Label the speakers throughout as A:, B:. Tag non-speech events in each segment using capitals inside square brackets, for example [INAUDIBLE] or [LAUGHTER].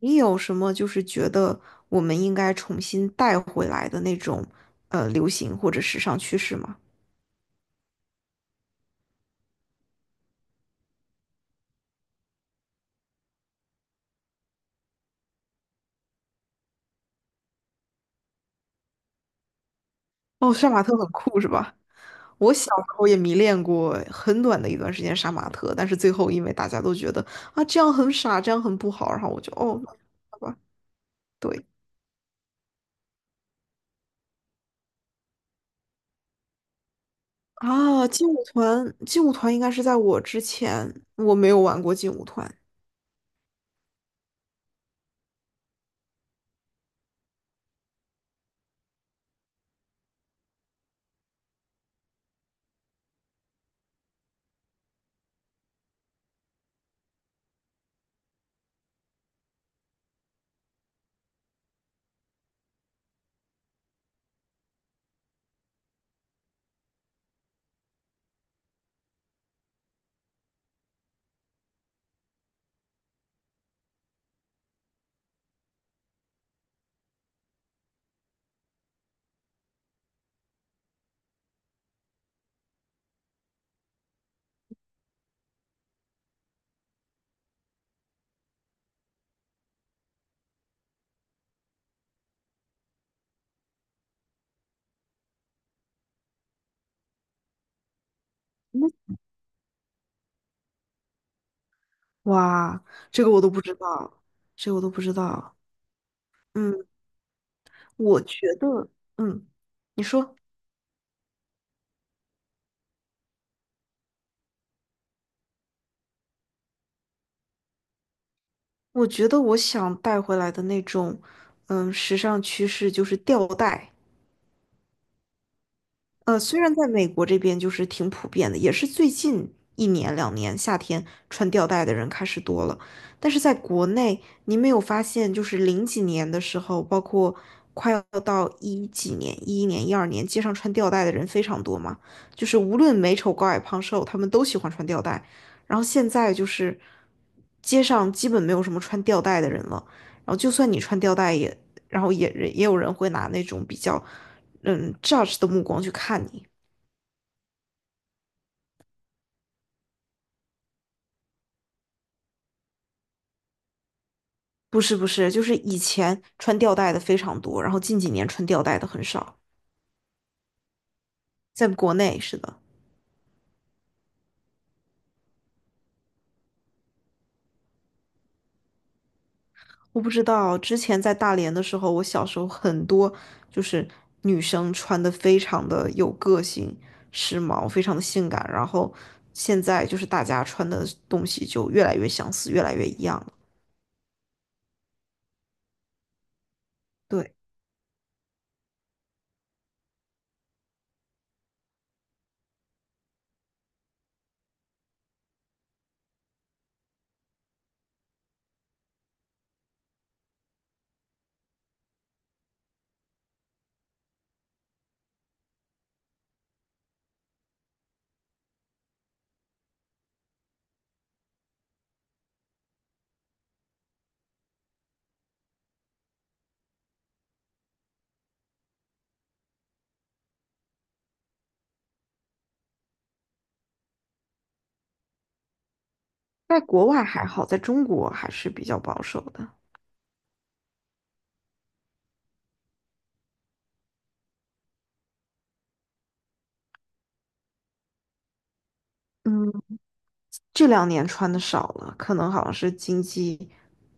A: 你有什么就是觉得我们应该重新带回来的那种流行或者时尚趋势吗？哦，杀马特很酷是吧？我小时候也迷恋过很短的一段时间杀马特，但是最后因为大家都觉得啊这样很傻，这样很不好，然后我就哦，好吧，对啊，劲舞团，应该是在我之前，我没有玩过劲舞团，哇，这个我都不知道，这个我都不知道，嗯，我觉得，嗯，你说。我觉得我想带回来的那种，嗯，时尚趋势就是吊带，虽然在美国这边就是挺普遍的，也是最近一年两年夏天穿吊带的人开始多了，但是在国内，你没有发现就是零几年的时候，包括快要到一几年、一一年、一二年，街上穿吊带的人非常多嘛？就是无论美丑、高矮、胖瘦，他们都喜欢穿吊带。然后现在就是街上基本没有什么穿吊带的人了，然后就算你穿吊带也，然后也有人会拿那种比较。嗯 judge 的目光去看你。不是，就是以前穿吊带的非常多，然后近几年穿吊带的很少，在国内是的。我不知道，之前在大连的时候，我小时候很多就是女生穿的非常的有个性、时髦，非常的性感，然后现在就是大家穿的东西就越来越相似，越来越一样了。对，在国外还好，在中国还是比较保守的。嗯。这两年穿的少了，可能好像是经济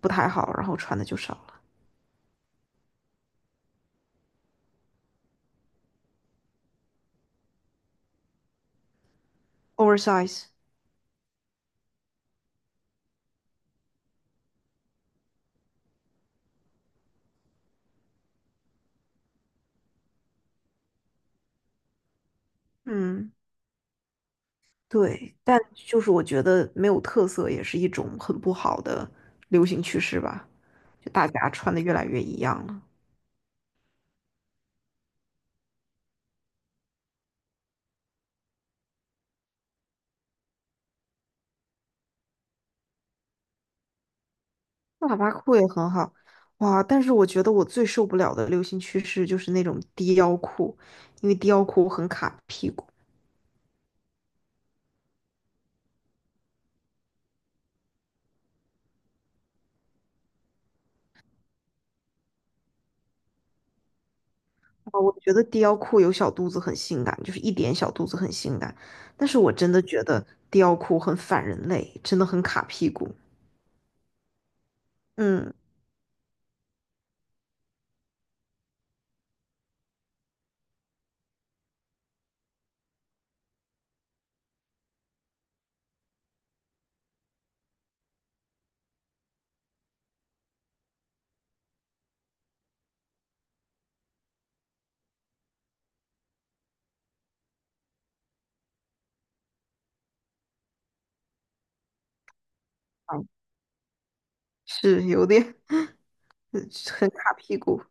A: 不太好，然后穿的就少了，oversize。嗯，对，但就是我觉得没有特色也是一种很不好的流行趋势吧，就大家穿的越来越一样了。喇叭裤也很好，哇！但是我觉得我最受不了的流行趋势就是那种低腰裤，因为低腰裤很卡屁股。啊，我觉得低腰裤有小肚子很性感，就是一点小肚子很性感，但是我真的觉得低腰裤很反人类，真的很卡屁股。嗯，啊是有点嗯很卡屁股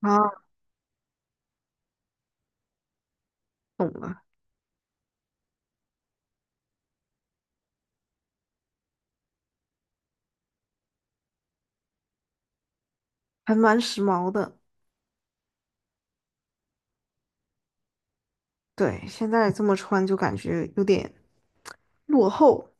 A: 啊，懂了，还蛮时髦的。对，现在这么穿就感觉有点落后，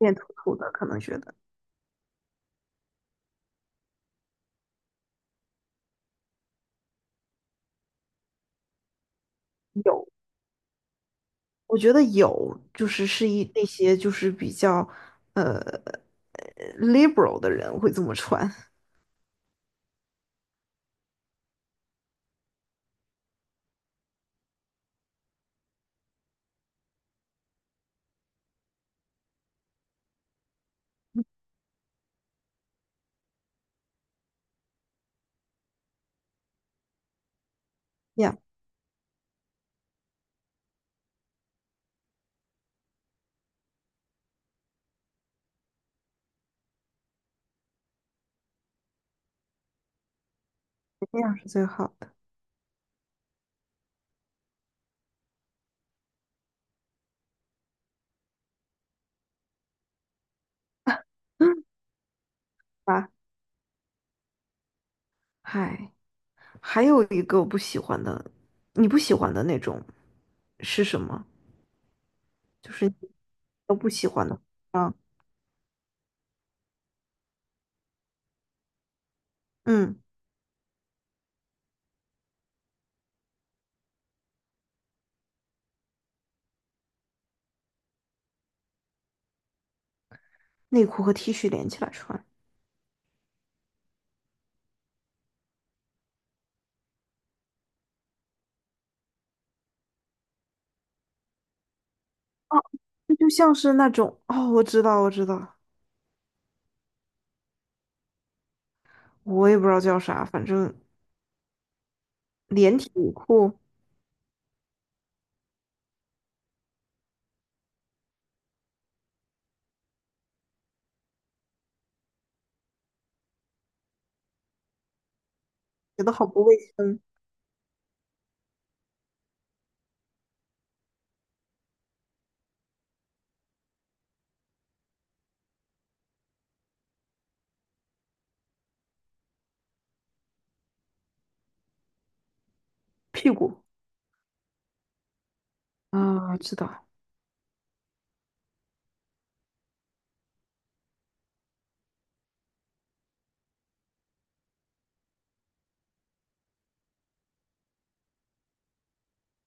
A: 有点土土的，可能觉得有，我觉得有，就是是一那些就是比较呃呃 liberal 的人会这么穿。 [LAUGHS] 呀，这样是最好。[LAUGHS] 啊，嗨，还有一个我不喜欢的，你不喜欢的那种是什么？就是你都不喜欢的啊，嗯，内裤和 T 恤连起来穿，哦，这就像是那种哦，我知道，我知道，我也不知道叫啥，反正连体内裤觉得好不卫生，屁股啊，知道。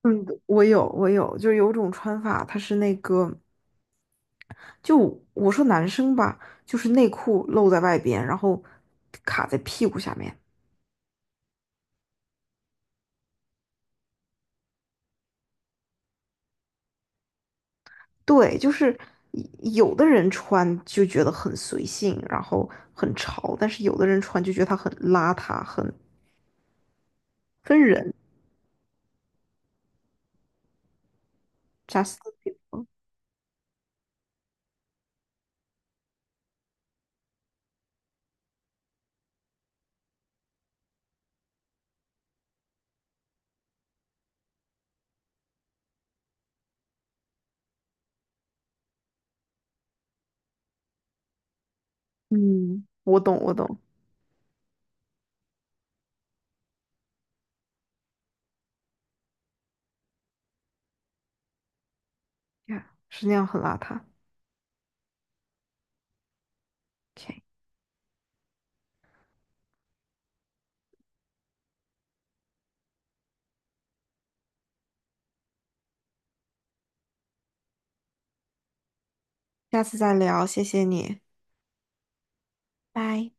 A: 嗯，我有，我有，就是有种穿法，它是那个，就我说男生吧，就是内裤露在外边，然后卡在屁股下面。对，就是有的人穿就觉得很随性，然后很潮，但是有的人穿就觉得他很邋遢，很分人。Just,嗯，我懂，我懂，yeah, 是那样很邋遢。OK,下次再聊，谢谢你，拜。